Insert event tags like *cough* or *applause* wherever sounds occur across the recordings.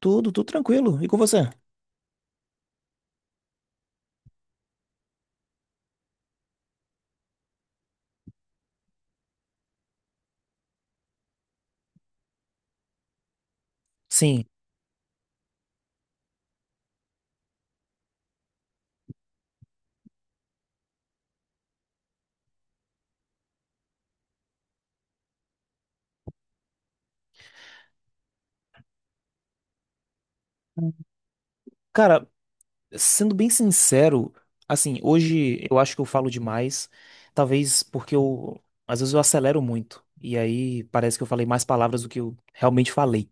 Tudo tranquilo. E com você? Sim. Cara, sendo bem sincero, assim, hoje eu acho que eu falo demais, talvez às vezes eu acelero muito, e aí parece que eu falei mais palavras do que eu realmente falei.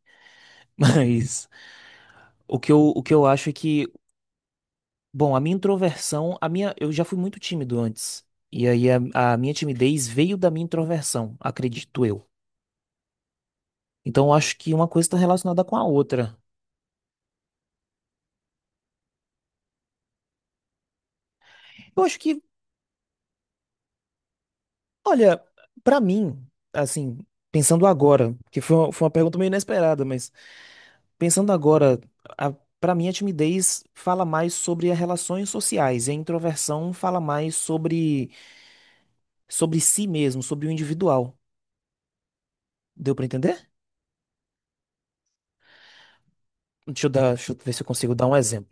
*laughs* Mas o que eu acho é que, bom, a minha introversão, eu já fui muito tímido antes, e aí a minha timidez veio da minha introversão, acredito eu. Então eu acho que uma coisa está relacionada com a outra. Eu acho que Olha, pra mim, assim, pensando agora, que foi foi uma pergunta meio inesperada, mas pensando agora, a, para mim a timidez fala mais sobre as relações sociais, e a introversão fala mais sobre si mesmo, sobre o individual. Deu pra entender? Deixa eu ver se eu consigo dar um exemplo.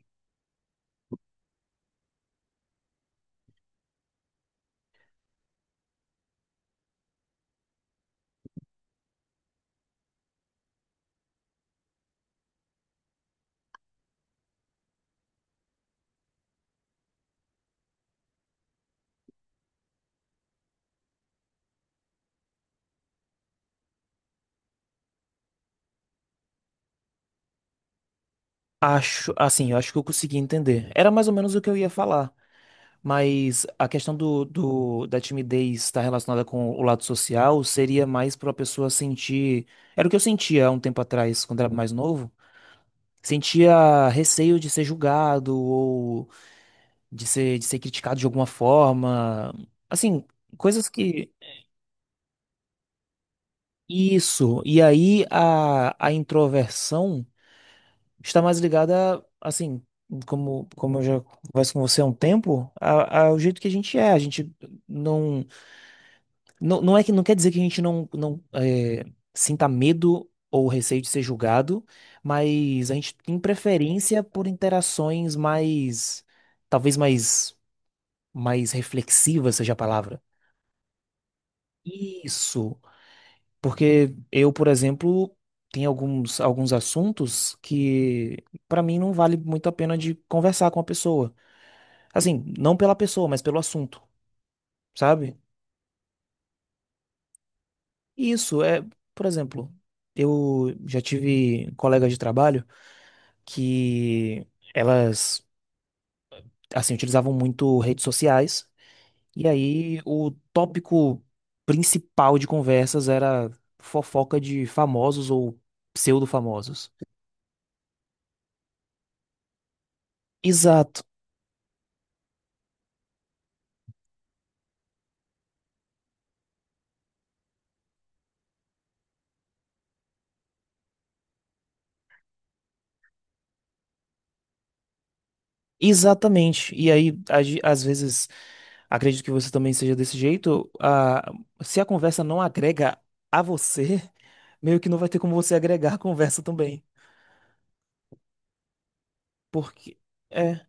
Acho, assim, eu acho que eu consegui entender. Era mais ou menos o que eu ia falar. Mas a questão da timidez estar relacionada com o lado social seria mais para a pessoa sentir. Era o que eu sentia há um tempo atrás, quando era mais novo. Sentia receio de ser julgado ou de ser criticado de alguma forma. Assim, coisas que. Isso. E aí a introversão está mais ligada, assim, como eu já converso com você há um tempo, ao jeito que a gente é. A gente não. Não, não é que não quer dizer que a gente não, não é, sinta medo ou receio de ser julgado, mas a gente tem preferência por interações mais, talvez mais, mais reflexivas seja a palavra. Isso, porque eu, por exemplo, tem alguns assuntos que pra mim não vale muito a pena de conversar com a pessoa. Assim, não pela pessoa, mas pelo assunto, sabe? Isso é, por exemplo, eu já tive colegas de trabalho que elas, assim, utilizavam muito redes sociais. E aí o tópico principal de conversas era fofoca de famosos ou pseudo-famosos. Exato, exatamente. E aí, às vezes, acredito que você também seja desse jeito, se a conversa não agrega a você, *laughs* meio que não vai ter como você agregar a conversa também. Porque, é.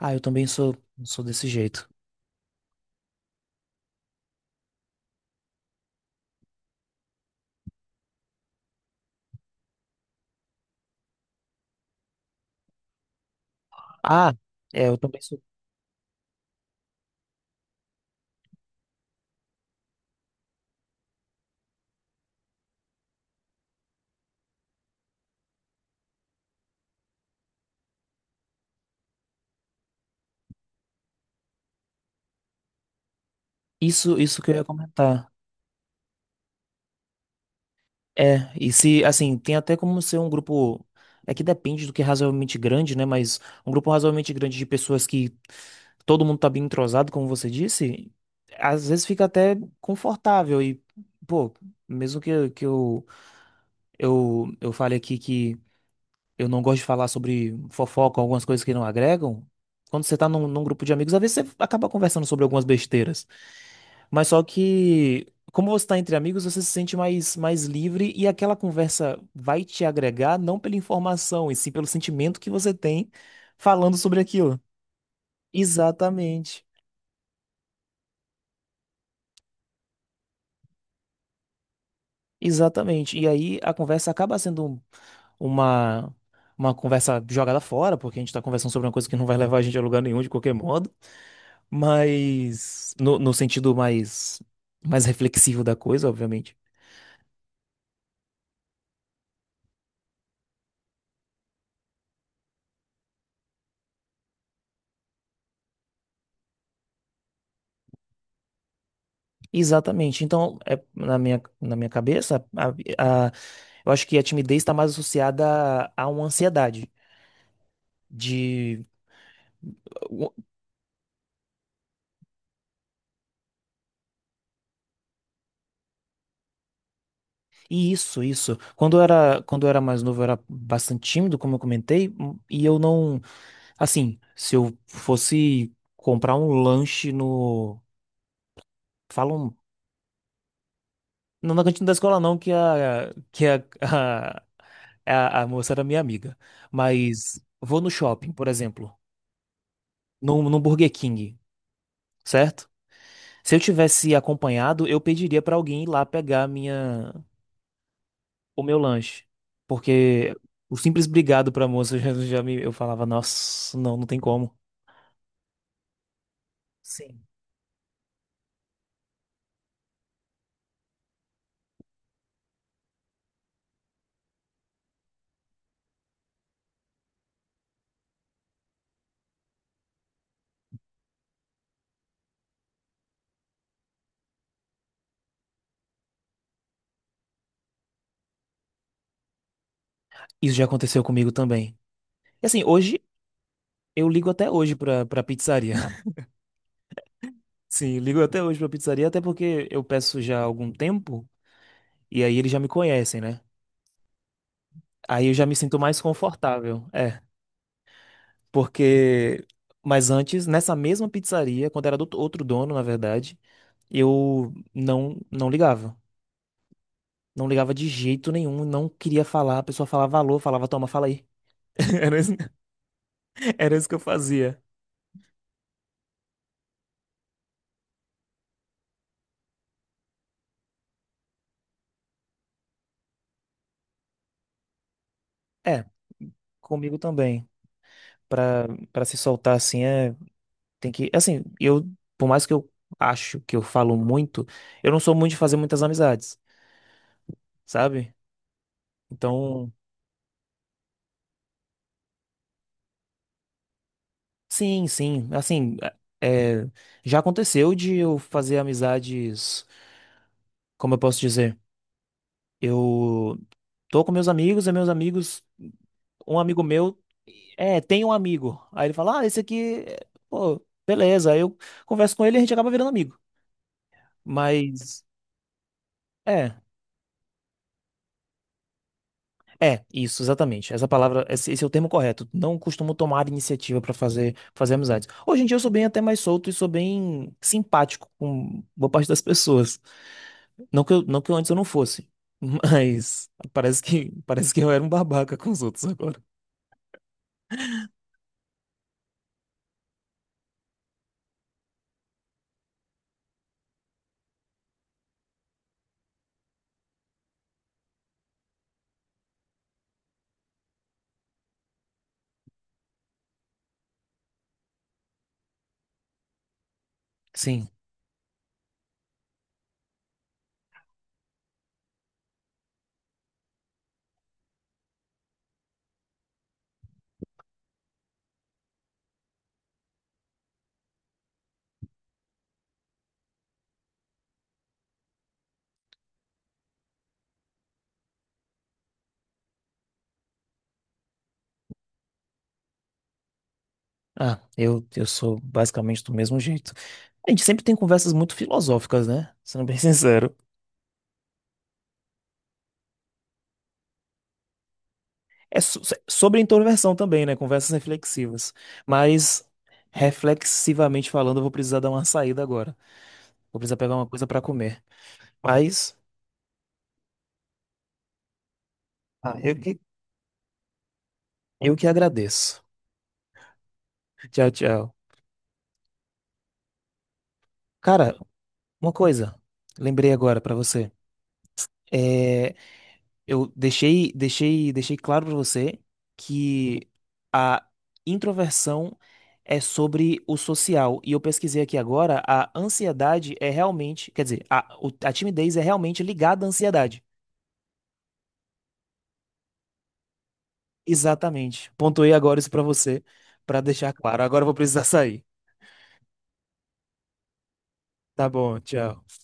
Ah, eu também sou, sou desse jeito. Ah, é, eu também sou. Isso que eu ia comentar. É, e se, assim, tem até como ser um grupo. É que depende do que é razoavelmente grande, né? Mas um grupo razoavelmente grande de pessoas que todo mundo tá bem entrosado, como você disse, às vezes fica até confortável. E, pô, mesmo que eu fale aqui que eu não gosto de falar sobre fofoca, algumas coisas que não agregam, quando você tá num grupo de amigos, às vezes você acaba conversando sobre algumas besteiras. Mas só que, como você está entre amigos, você se sente mais livre e aquela conversa vai te agregar não pela informação, e sim pelo sentimento que você tem falando sobre aquilo. Exatamente, exatamente. E aí a conversa acaba uma, uma conversa jogada fora, porque a gente está conversando sobre uma coisa que não vai levar a gente a lugar nenhum de qualquer modo, mas no sentido mais, mais reflexivo da coisa, obviamente. Exatamente. Então, é, na minha cabeça, a- eu acho que a timidez está mais associada a uma ansiedade. De. o- Isso, isso. Quando eu era mais novo, eu era bastante tímido, como eu comentei, e eu não. Assim, se eu fosse comprar um lanche no. Falam. Não na cantina da escola, não, *laughs* a, a moça era minha amiga. Mas vou no shopping, por exemplo, no Burger King, certo? Se eu tivesse acompanhado, eu pediria pra alguém ir lá pegar a minha o meu lanche, porque o simples obrigado pra moça *laughs* já me eu falava, nossa, não tem como. Sim. Isso já aconteceu comigo também. E assim, hoje eu ligo até hoje pra para pizzaria. *laughs* Sim, ligo até hoje pra pizzaria, até porque eu peço já há algum tempo e aí eles já me conhecem, né? Aí eu já me sinto mais confortável. É, porque mas antes, nessa mesma pizzaria, quando era do outro dono, na verdade, eu não ligava. Não ligava de jeito nenhum, não queria falar. A pessoa falava alô, falava toma, fala aí. *laughs* Era isso, era isso que eu fazia. É, comigo também. Pra, pra se soltar assim, é, tem que. Assim, eu, por mais que eu acho que eu falo muito, eu não sou muito de fazer muitas amizades, sabe? Então, sim, sim. Assim, é, já aconteceu de eu fazer amizades, como eu posso dizer? Eu tô com meus amigos, e meus amigos. Um amigo meu, é, tem um amigo. Aí ele fala, ah, esse aqui, é, pô, beleza. Aí eu converso com ele e a gente acaba virando amigo. Mas, é, é, isso, exatamente. Essa palavra, esse é o termo correto. Não costumo tomar iniciativa pra fazer, fazer amizades. Hoje em dia eu sou bem até mais solto e sou bem simpático com boa parte das pessoas. Não que eu antes eu não fosse. *laughs* Mas parece que eu era um babaca com os outros agora. Sim. Ah, eu sou basicamente do mesmo jeito. A gente sempre tem conversas muito filosóficas, né? Sendo bem *laughs* sincero. É sobre introversão também, né? Conversas reflexivas. Mas, reflexivamente falando, eu vou precisar dar uma saída agora. Vou precisar pegar uma coisa pra comer. Mas, ah, eu que agradeço. Tchau, tchau. Cara, uma coisa. Lembrei agora pra você. É, eu deixei claro para você que a introversão é sobre o social. E eu pesquisei aqui agora, a ansiedade é realmente, quer dizer, a timidez é realmente ligada à ansiedade. Exatamente. Pontuei agora isso para você, para deixar claro. Agora eu vou precisar *laughs* sair. Tá bom, tchau.